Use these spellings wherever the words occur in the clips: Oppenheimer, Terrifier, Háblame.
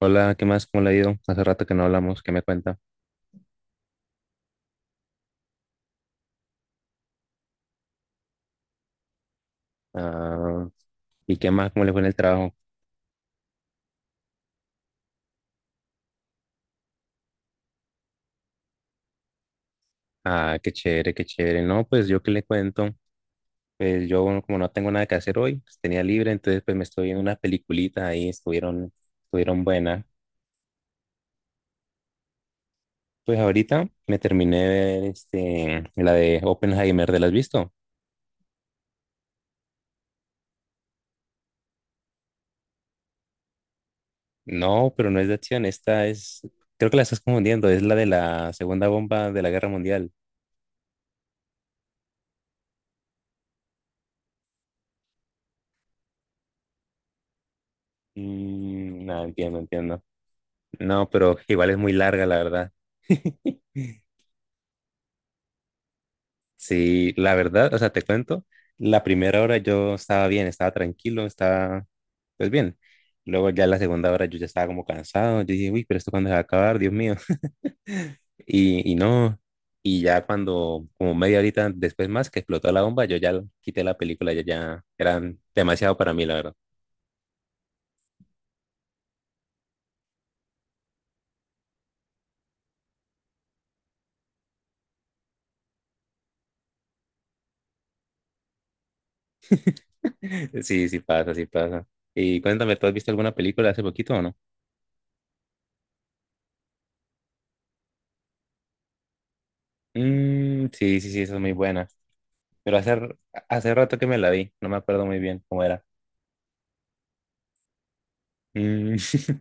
Hola, ¿qué más? ¿Cómo le ha ido? Hace rato que no hablamos, ¿qué me cuenta? Ah, ¿y qué más? ¿Cómo le fue en el trabajo? Ah, qué chévere, qué chévere. No, pues yo qué le cuento. Pues yo bueno, como no tengo nada que hacer hoy, pues tenía libre, entonces pues me estoy viendo unas peliculitas ahí, estuvieron buenas. Pues ahorita me terminé de ver la de Oppenheimer. ¿Te la has visto? No, pero no es de acción, creo que la estás confundiendo, es la de la segunda bomba de la guerra mundial. No, entiendo, entiendo. No, pero igual es muy larga, la verdad. Sí, la verdad, o sea, te cuento, la primera hora yo estaba bien, estaba tranquilo, estaba pues bien. Luego ya la segunda hora yo ya estaba como cansado, yo dije, uy, pero esto cuándo se va a acabar, Dios mío. No, y ya cuando, como media horita después más que explotó la bomba, yo ya quité la película, ya, ya eran demasiado para mí, la verdad. Sí, sí pasa, sí pasa. Y cuéntame, ¿tú has visto alguna película hace poquito o no? Mm, sí, sí, sí, esa es muy buena. Pero hace rato que me la vi, no me acuerdo muy bien cómo era. Mm,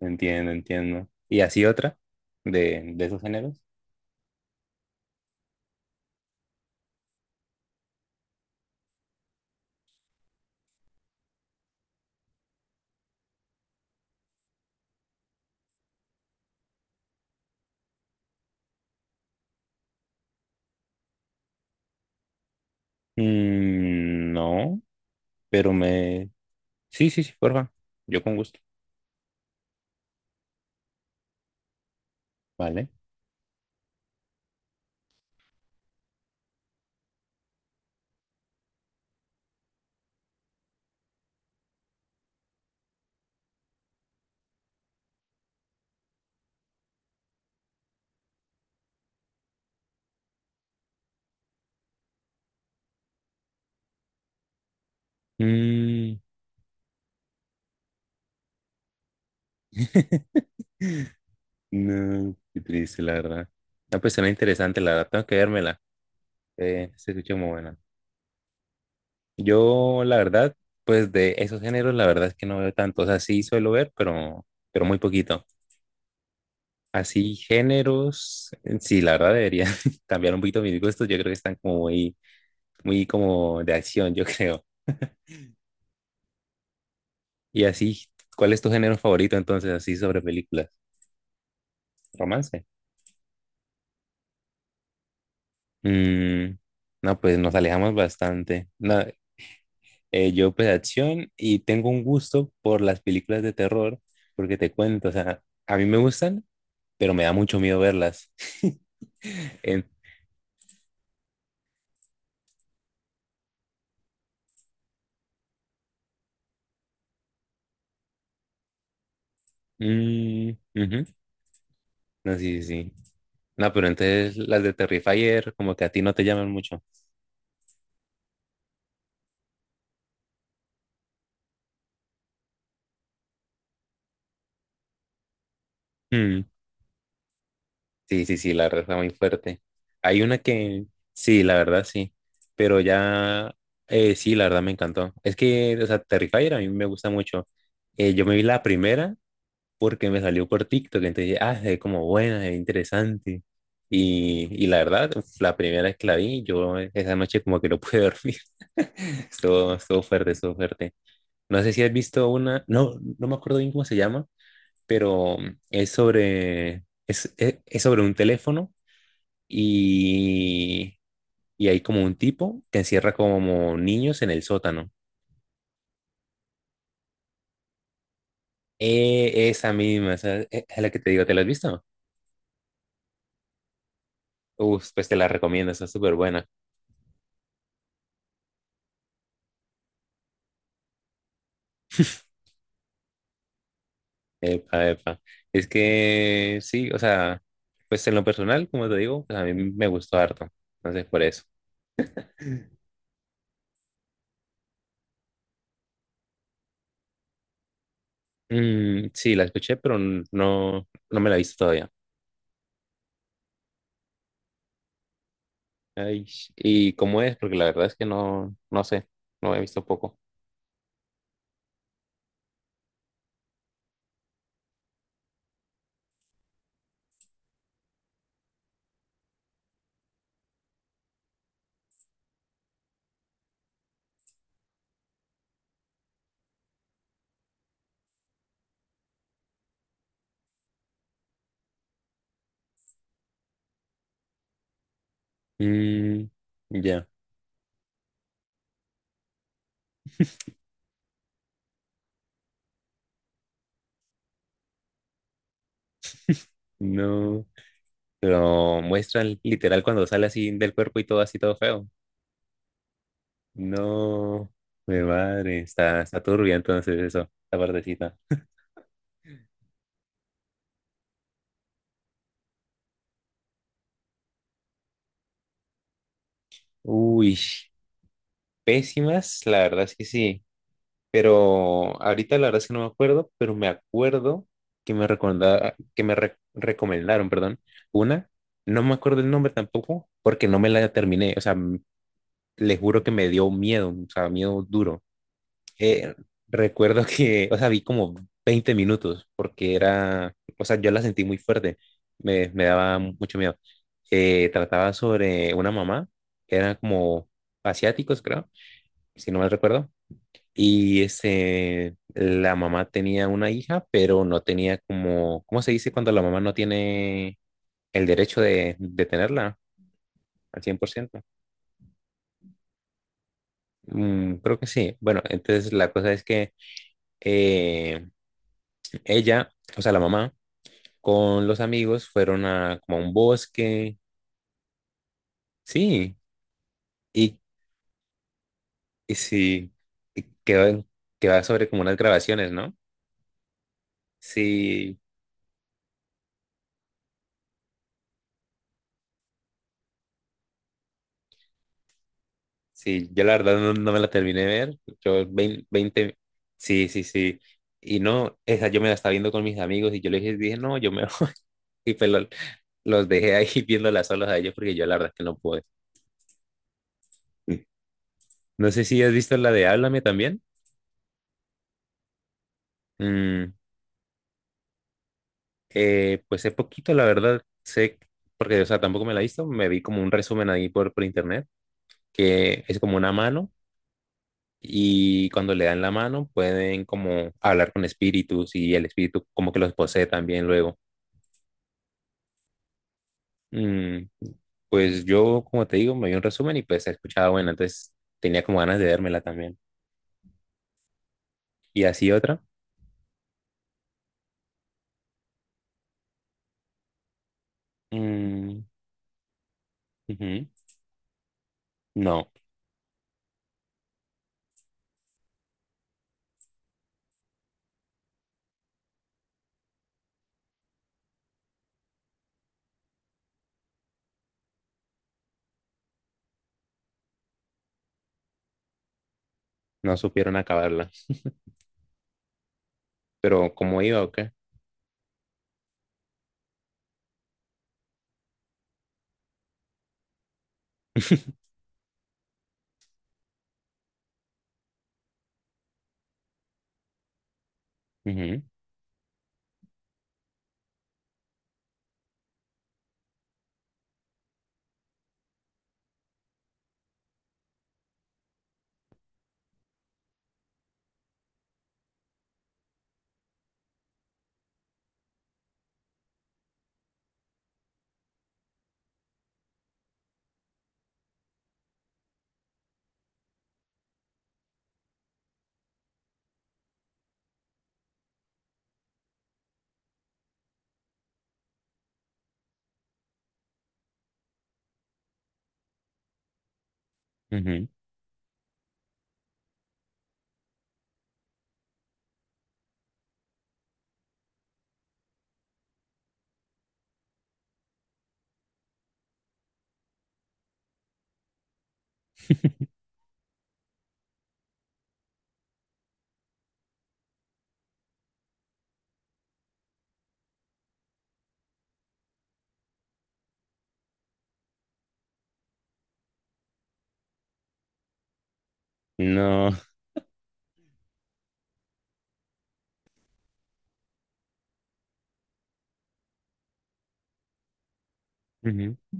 Entiendo, entiendo. ¿Y así otra de esos géneros? No, pero me... Sí, sí, sí, porfa. Yo con gusto. Vale. Mm, No, qué triste, la verdad. No, pues suena interesante, la verdad. Tengo que vérmela. Se escucha muy buena. Yo, la verdad, pues de esos géneros, la verdad es que no veo tanto. O sea, sí suelo ver, pero muy poquito. Así, géneros, sí, la verdad debería cambiar un poquito mis gustos. Yo creo que están como muy como de acción, yo creo. Y así, ¿cuál es tu género favorito entonces, así sobre películas? ¿Romance? Mm, no, pues nos alejamos bastante. No, yo pues acción y tengo un gusto por las películas de terror, porque te cuento, o sea, a mí me gustan, pero me da mucho miedo verlas. En- mm, ujú. No, sí, sí, sí. No, pero entonces las de Terrifier como que a ti no te llaman mucho. Mm. Sí, sí, sí, la verdad está muy fuerte. Hay una que, sí, la verdad sí, pero ya, sí, la verdad me encantó. Es que, o sea, Terrifier a mí me gusta mucho. Yo me vi la primera porque me salió por TikTok, entonces dije, ah, es como buena, es interesante. La verdad, uf, la primera vez que la vi, esa noche como que no pude dormir. Estuvo fuerte, estuvo fuerte. No sé si has visto una, no, no me acuerdo bien cómo se llama, pero es sobre, es sobre un teléfono y, y hay como un tipo que encierra como niños en el sótano. Esa misma, esa es la que te digo, ¿te la has visto? Uf, pues te la recomiendo, está súper buena. Epa, epa. Es que sí, o sea, pues en lo personal, como te digo, pues a mí me gustó harto. Entonces, por eso. Mm, sí, la escuché, no, no me la he visto todavía. Ay, ¿y cómo es? Porque la verdad es que no, no sé, no he visto poco. Mm, ya, no. Lo muestran literal cuando sale así del cuerpo y todo así, todo feo. No, mi madre, está turbia entonces eso, la partecita. Uy, pésimas, la verdad es que sí. Pero ahorita la verdad es que no me acuerdo, pero me acuerdo que me recorda- que me re- recomendaron, perdón, una. No me acuerdo el nombre tampoco, porque no me la terminé. O sea, m- le juro que me dio miedo, o sea, miedo duro. Eh, Recuerdo que, o sea, vi como 20 minutos porque era, o sea, yo la sentí muy fuerte, me daba mucho miedo. Trataba sobre una mamá, eran como asiáticos, creo, si no mal recuerdo, y este la mamá tenía una hija, pero no tenía como, ¿cómo se dice cuando la mamá no tiene el derecho de tenerla? Al 100%. Mm, creo que sí. Bueno, entonces la cosa es que eh, ella, o sea, la mamá, con los amigos, fueron a como a un bosque, sí, y, y sí, y que, va- que va sobre como unas grabaciones, ¿no? Sí, sí, yo la verdad no, no me la terminé de ver, 20 sí, sí, sí, y no, esa yo me la estaba viendo con mis amigos y yo les dije, dije, no, yo me voy", y pues lo- los dejé ahí viéndolas solos a ellos porque yo la verdad que no pude. Mm, no sé si has visto la de Háblame también. Mm, pues es poquito, la verdad, sé, porque, o sea, tampoco me la he visto, me vi como un resumen ahí por internet, que es como una mano y cuando le dan la mano pueden como hablar con espíritus y el espíritu como que los posee también luego. Mm, pues yo, como te digo, me vi un resumen y pues he escuchado, bueno, entonces tenía como ganas de vérmela también. Y así otra, mm, ujú, no, no supieron acabarla, pero ¿cómo iba o qué? Ujú, ujú, no.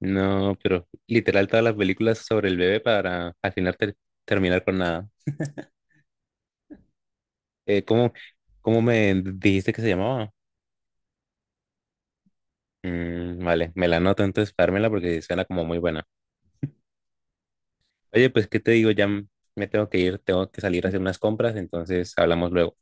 No, pero literal todas las películas sobre el bebé para al final terminar con nada. Eh, ¿cómo, ¿cómo me dijiste que se llamaba? Mm, vale, me la anoto entonces para dármela porque suena como muy buena. Oye, pues, ¿qué te digo? Me tengo que ir, tengo que salir a hacer unas compras, entonces hablamos luego.